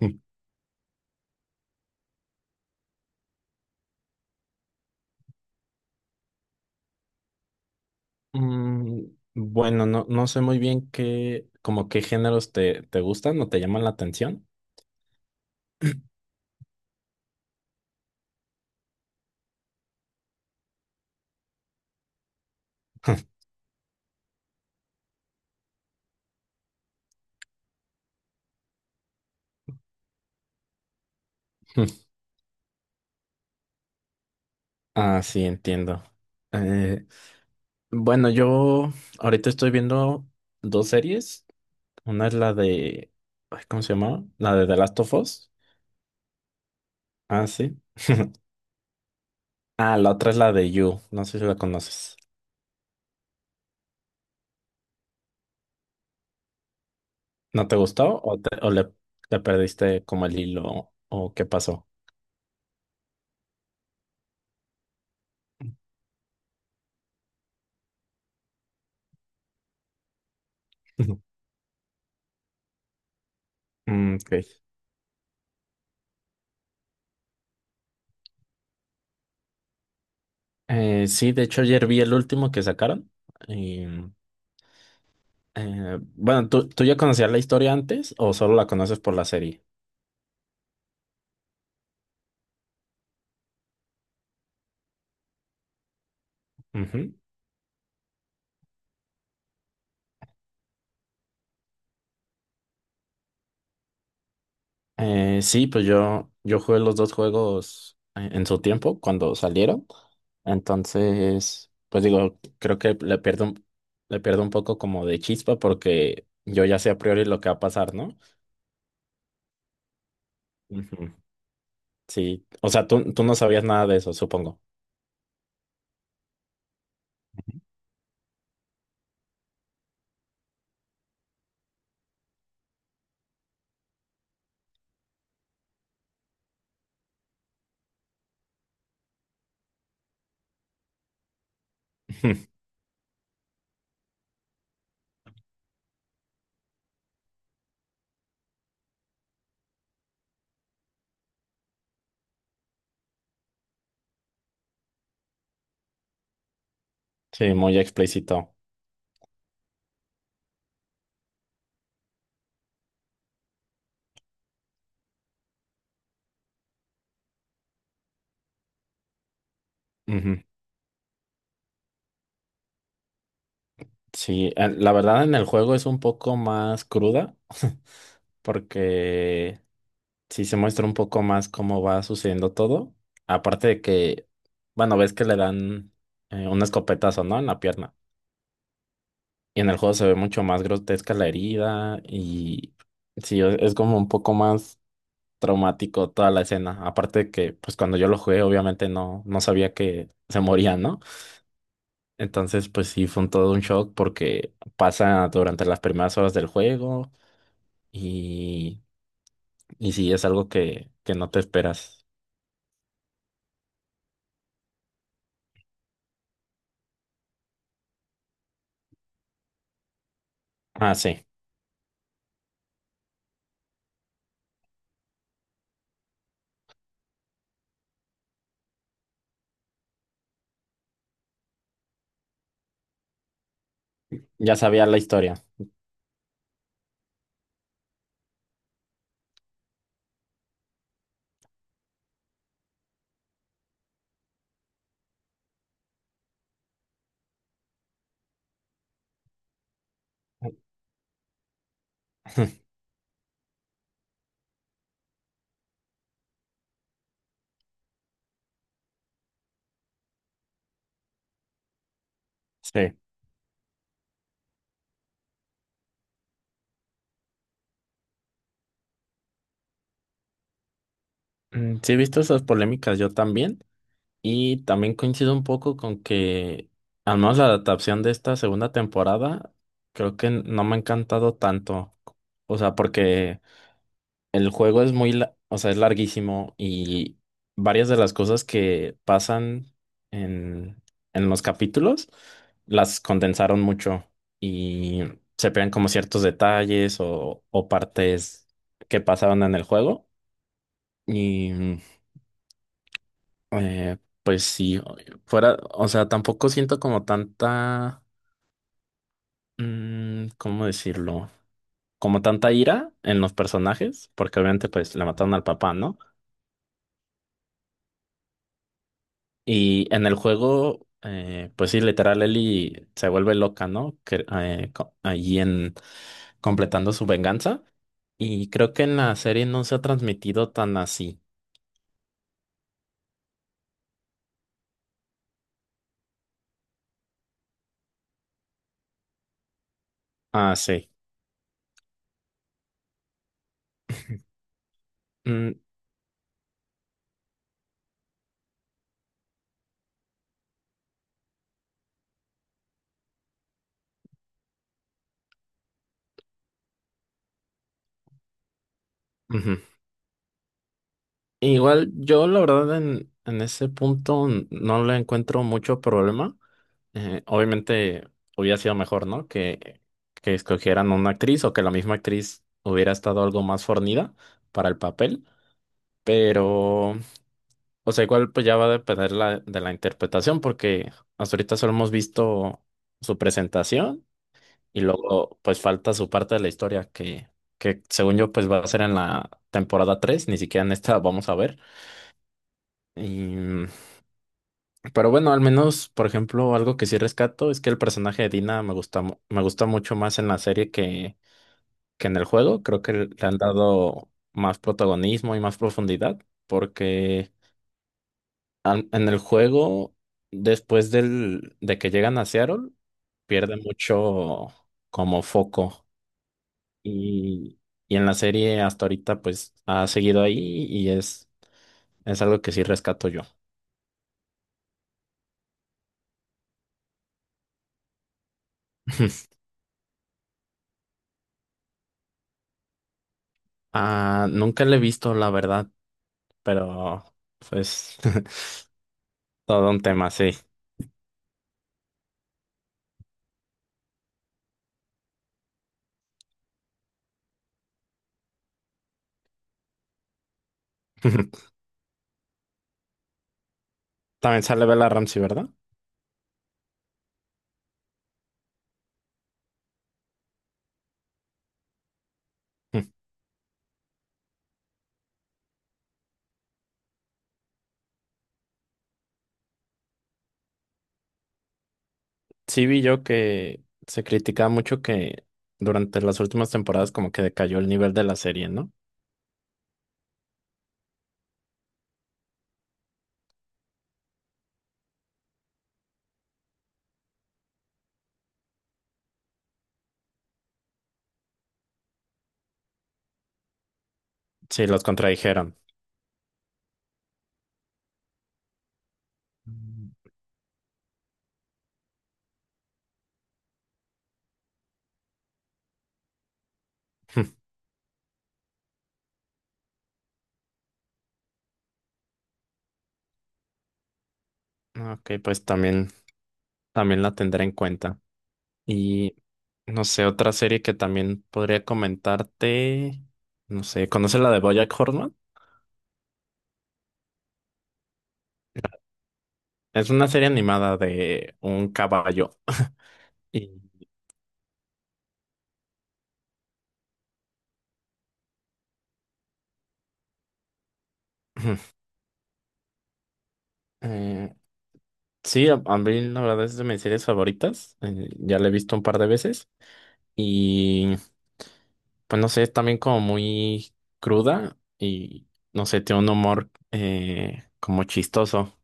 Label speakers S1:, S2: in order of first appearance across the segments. S1: Mm. Mm, bueno, no sé muy bien qué, como qué géneros te gustan o te llaman la atención. Ah, sí, entiendo. Eh, bueno, yo ahorita estoy viendo dos series. Una es la de, ay, ¿cómo se llamaba? La de The Last of Us. Ah, sí. Ah, la otra es la de You. No sé si la conoces. ¿No te gustó o le perdiste como el hilo o qué pasó? Mm, ok. Sí, de hecho ayer vi el último que sacaron. Y, bueno, tú ya conocías la historia antes o solo la conoces por la serie? Ujú. Sí, pues yo jugué los dos juegos en su tiempo cuando salieron. Entonces, pues digo, creo que le pierdo, le pierdo un poco como de chispa porque yo ya sé a priori lo que va a pasar, ¿no? Ujú. Sí, o sea, tú no sabías nada de eso, supongo. Sí, muy explícito. Ujú. Sí, la verdad en el juego es un poco más cruda porque sí se muestra un poco más cómo va sucediendo todo. Aparte de que, bueno, ves que le dan un escopetazo, ¿no? En la pierna. Y en el juego se ve mucho más grotesca la herida y sí, es como un poco más traumático toda la escena. Aparte de que, pues cuando yo lo jugué, obviamente no sabía que se moría, ¿no? Entonces, pues sí, fue un todo un shock porque pasa durante las primeras horas del juego. Y, y sí, es algo que no te esperas. Ah, sí, ya sabía la historia. Sí. Sí, he visto esas polémicas yo también. Y también coincido un poco con que, al menos la adaptación de esta segunda temporada, creo que no me ha encantado tanto. O sea, porque el juego es muy, o sea, es larguísimo y varias de las cosas que pasan en, en los capítulos las condensaron mucho y se pegan como ciertos detalles o partes que pasaron en el juego. Y eh, pues sí, fuera, o sea, tampoco siento como tanta, mm, ¿cómo decirlo? Como tanta ira en los personajes, porque obviamente pues le mataron al papá, ¿no? Y en el juego, pues sí, literal, Ellie se vuelve loca, ¿no? Que, allí en completando su venganza. Y creo que en la serie no se ha transmitido tan así. Ah, sí. Mm, ujú. Igual yo, la verdad, en ese punto no le encuentro mucho problema. Obviamente hubiera sido mejor, ¿no? Que escogieran una actriz o que la misma actriz hubiera estado algo más fornida para el papel. Pero, o sea, igual pues ya va a depender la, de la interpretación, porque hasta ahorita solo hemos visto su presentación y luego pues falta su parte de la historia que según yo pues va a ser en la temporada tres, ni siquiera en esta, vamos a ver. Y pero bueno, al menos, por ejemplo, algo que sí rescato es que el personaje de Dina me gusta, me gusta mucho más en la serie que en el juego. Creo que le han dado más protagonismo y más profundidad, porque en el juego, después de que llegan a Seattle, pierde mucho como foco. Y, y en la serie hasta ahorita, pues ha seguido ahí y es algo que sí rescato yo. Ah, nunca le he visto, la verdad, pero pues todo un tema, sí. También sale Bella Ramsey, ¿verdad? Mm. Sí vi yo que se criticaba mucho que durante las últimas temporadas como que decayó el nivel de la serie, ¿no? Sí, los contradijeron. Mm. Ok, pues también, también la tendré en cuenta. Y no sé, otra serie que también podría comentarte, no sé, ¿conoces la de BoJack Horseman? Es una serie animada de un caballo. Y eh, sí, a mí la verdad es de mis series favoritas. Ya la he visto un par de veces. Y pues no sé, es también como muy cruda y no sé, tiene un humor como chistoso.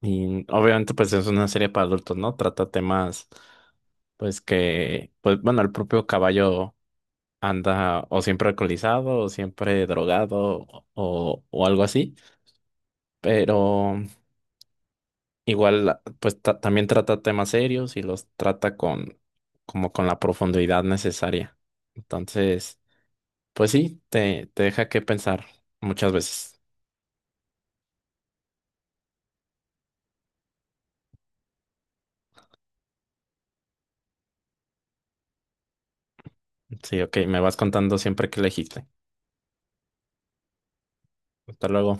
S1: Y obviamente pues es una serie para adultos, ¿no? Trata temas pues que, pues bueno, el propio caballo anda o siempre alcoholizado o siempre drogado o algo así, pero igual pues también trata temas serios y los trata con como con la profundidad necesaria. Entonces, pues sí, te deja que pensar muchas veces. Sí, ok, me vas contando siempre que elegiste. Hasta luego.